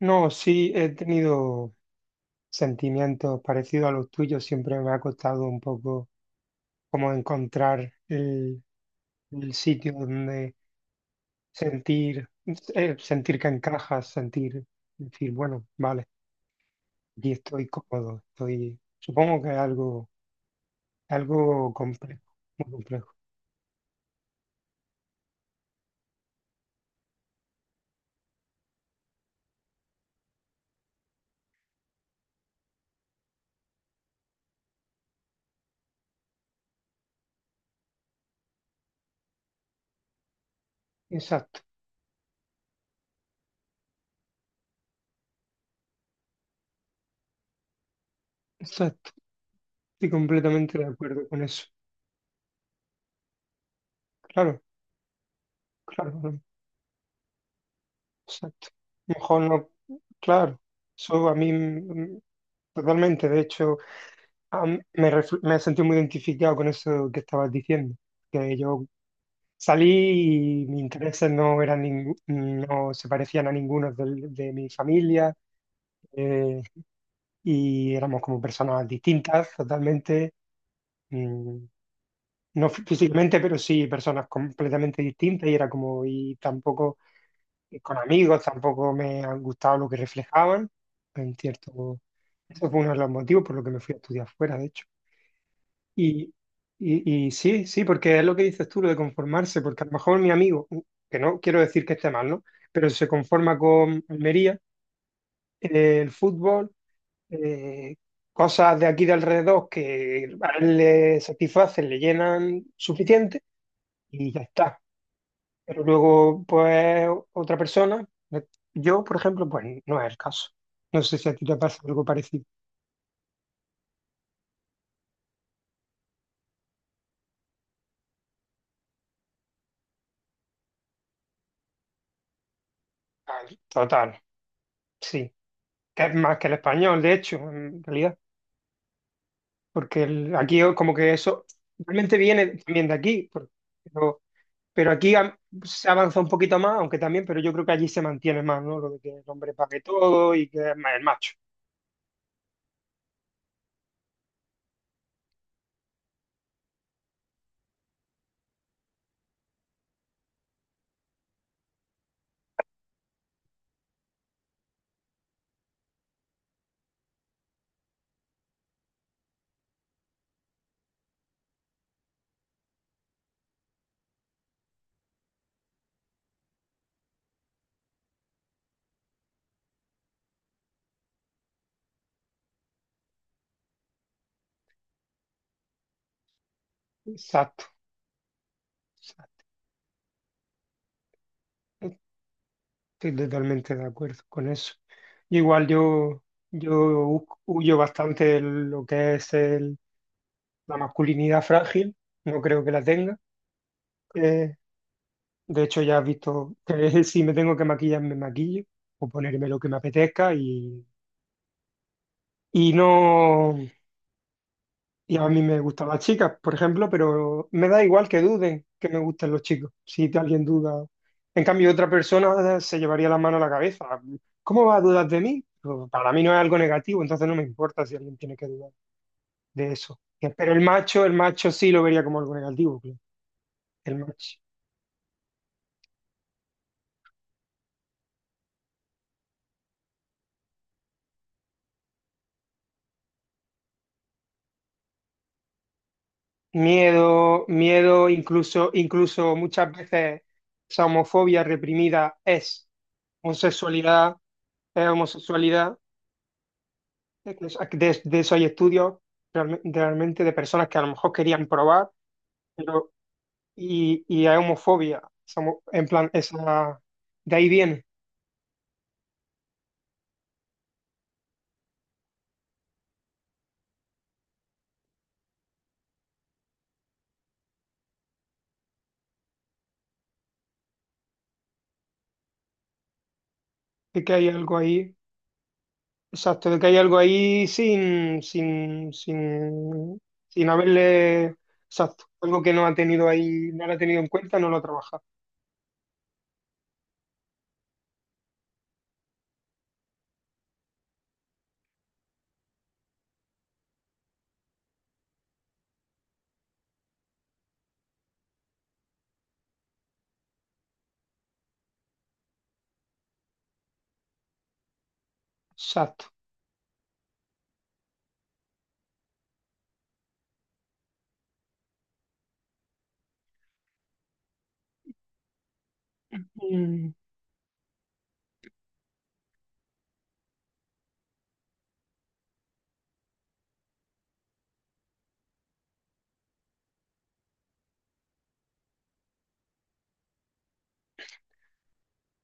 No, sí he tenido sentimientos parecidos a los tuyos. Siempre me ha costado un poco como encontrar el sitio donde sentir, sentir que encajas, sentir, decir, bueno, vale, aquí estoy cómodo, estoy, supongo que es algo complejo, muy complejo. Exacto, exacto. Estoy completamente de acuerdo con eso. Claro, claro, claro, exacto. Mejor no, claro, eso a mí totalmente, de hecho. Ah, me sentí muy identificado con eso que estabas diciendo, que yo salí y mis intereses no se parecían a ninguno de mi familia, eh, y éramos como personas distintas totalmente, mm, no físicamente, pero sí personas completamente distintas y era como, y tampoco con amigos, tampoco me han gustado lo que reflejaban, en cierto, eso fue uno de los motivos por lo que me fui a estudiar fuera, de hecho. Y, y sí, sí, porque es lo que dices tú, lo de conformarse, porque a lo mejor mi amigo, que no quiero decir que esté mal, ¿no? Pero se conforma con Almería, el fútbol, eh, cosas de aquí de alrededor que a él le satisfacen, le llenan suficiente y ya está. Pero luego, pues, otra persona, eh, yo, por ejemplo, pues no es el caso. No sé si a ti te pasa algo parecido. Total, sí. Que es más que el español, de hecho, en realidad. Porque aquí como que eso realmente viene también de aquí, pero, pero aquí se avanza un poquito más, aunque también, pero yo creo que allí se mantiene más, ¿no? Lo de que el hombre pague todo y que es más el macho. Exacto, exacto. Estoy totalmente de acuerdo con eso. Yo igual, yo huyo bastante de lo que es la masculinidad frágil, no creo que la tenga. Eh, de hecho, ya has visto que si me tengo que maquillar, me maquillo o ponerme lo que me apetezca. Y no, y a mí me gustan las chicas, por ejemplo, pero me da igual que duden que me gusten los chicos, si alguien duda. En cambio, otra persona se llevaría la mano a la cabeza. ¿Cómo va a dudar de mí? Pues, para mí no es algo negativo, entonces no me importa si alguien tiene que dudar de eso. Pero el macho sí lo vería como algo negativo, claro. El macho. Miedo, miedo, incluso muchas veces esa homofobia reprimida es homosexualidad, es homosexualidad. Es que de eso hay estudios realmente de personas que a lo mejor querían probar, pero y hay homofobia. En plan, esa, de ahí viene, de que hay algo ahí, exacto, de que hay algo ahí sin haberle, exacto, algo que no ha tenido ahí, no lo ha tenido en cuenta, no lo ha trabajado. Exacto. Mm,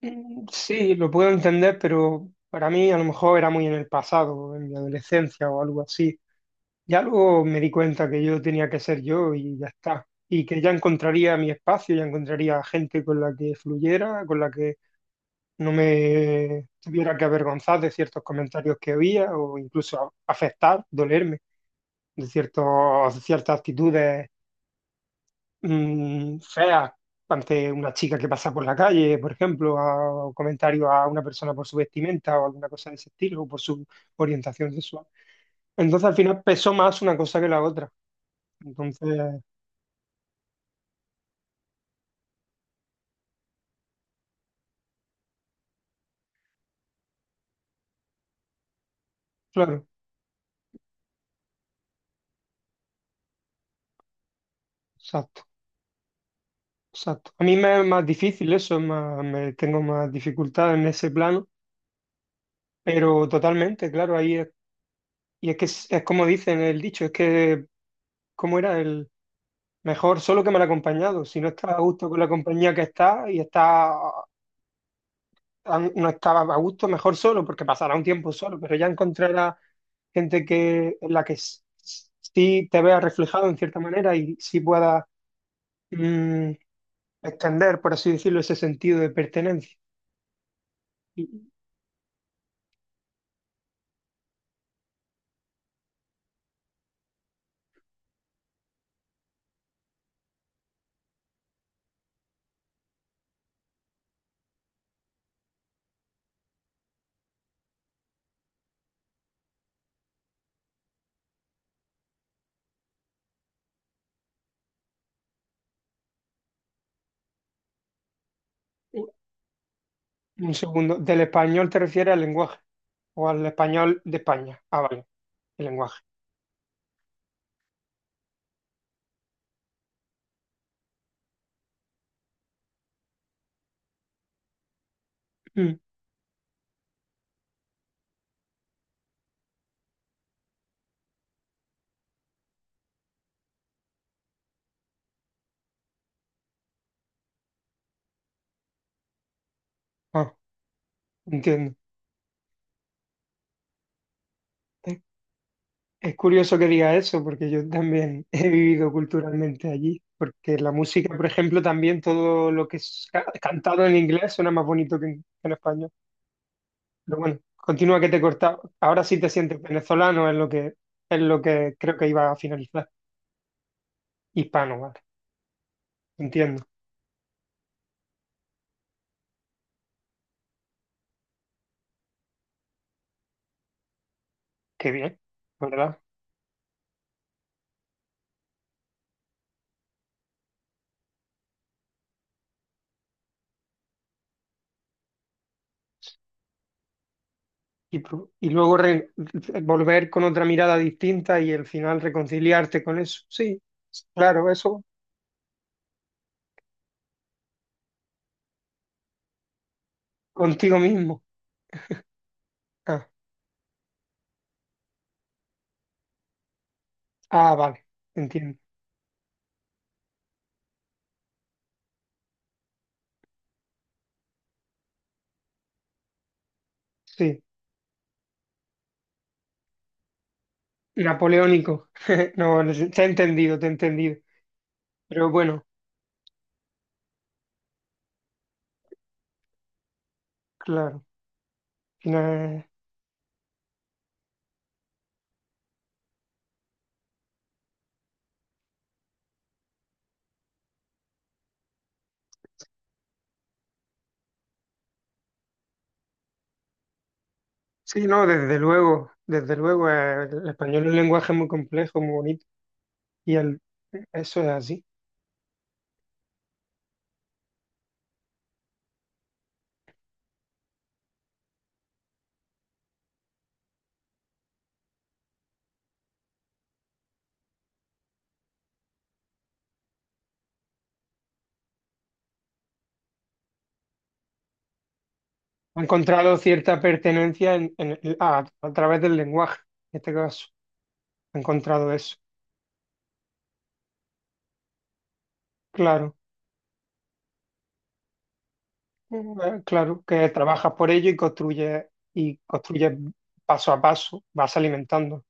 mm, sí, lo puedo entender, pero para mí a lo mejor era muy en el pasado, en mi adolescencia o algo así. Ya luego me di cuenta que yo tenía que ser yo y ya está. Y que ya encontraría mi espacio, ya encontraría gente con la que fluyera, con la que no me tuviera que avergonzar de ciertos comentarios que había o incluso afectar, dolerme de ciertos, ciertas actitudes feas ante una chica que pasa por la calle, por ejemplo, o comentarios a una persona por su vestimenta o alguna cosa de ese estilo, o por su orientación sexual. Entonces al final pesó más una cosa que la otra. Entonces, claro, exacto, exacto. A mí me es más difícil eso, es más, me tengo más dificultad en ese plano, pero totalmente, claro, ahí es, y es que es como dicen el dicho, es que, ¿cómo era? Mejor solo que mal acompañado. Si no estás a gusto con la compañía que estás y está, no estabas a gusto, mejor solo, porque pasará un tiempo solo, pero ya encontrarás gente que, en la que sí te veas reflejado en cierta manera y sí puedas mm, extender, por así decirlo, ese sentido de pertenencia. Y- y- Un segundo, del español te refieres al lenguaje o al español de España. Ah, vale, el lenguaje. Mm, ah, entiendo. Es curioso que diga eso, porque yo también he vivido culturalmente allí, porque la música, por ejemplo, también todo lo que es cantado en inglés suena más bonito que en español. Pero bueno, continúa que te he cortado. Ahora sí te sientes venezolano, es lo que creo que iba a finalizar. Hispano, vale. Entiendo. Qué bien, ¿verdad? Y luego volver con otra mirada distinta y al final reconciliarte con eso. Sí, claro, eso contigo mismo. Ah, ah, vale, entiendo. Sí, napoleónico. No, no sé, te he entendido, te he entendido. Pero bueno, claro. Final- Sí, no, desde luego, desde luego. El español es un lenguaje muy complejo, muy bonito. Y eso es así. Ha encontrado cierta pertenencia a través del lenguaje, en este caso. Ha encontrado eso. Claro, claro, que trabajas por ello y construyes paso a paso, vas alimentando.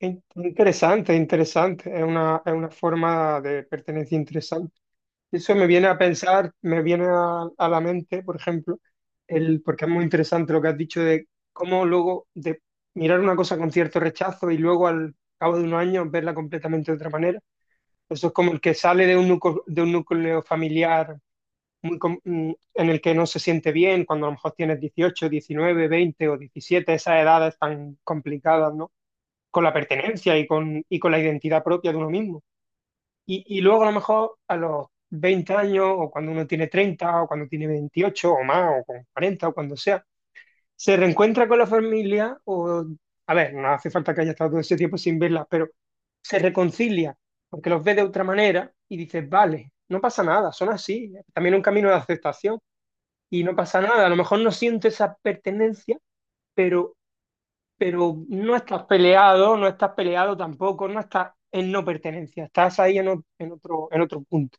Interesante, interesante. Es una forma de pertenencia interesante. Eso me viene a pensar, me viene a la mente, por ejemplo, porque es muy interesante lo que has dicho de cómo luego de mirar una cosa con cierto rechazo y luego al cabo de unos años verla completamente de otra manera. Eso es como el que sale de un núcleo familiar en el que no se siente bien, cuando a lo mejor tienes 18 19 20 o 17 esas edades tan complicadas, ¿no? Con la pertenencia y con la identidad propia de uno mismo. Y luego a lo mejor a los 20 años o cuando uno tiene 30 o cuando tiene 28 o más o con 40 o cuando sea, se reencuentra con la familia o, a ver, no hace falta que haya estado todo ese tiempo sin verla, pero se reconcilia porque los ve de otra manera y dices, vale, no pasa nada, son así, también un camino de aceptación y no pasa nada, a lo mejor no siento esa pertenencia, pero pero no estás peleado, no estás peleado tampoco, no estás en no pertenencia, estás ahí en otro punto.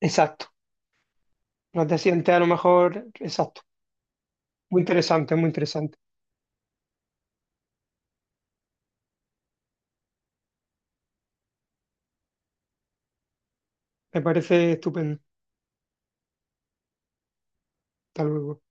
Exacto. No te sientes a lo mejor, exacto. Muy interesante, muy interesante. Me parece estupendo. Hasta luego.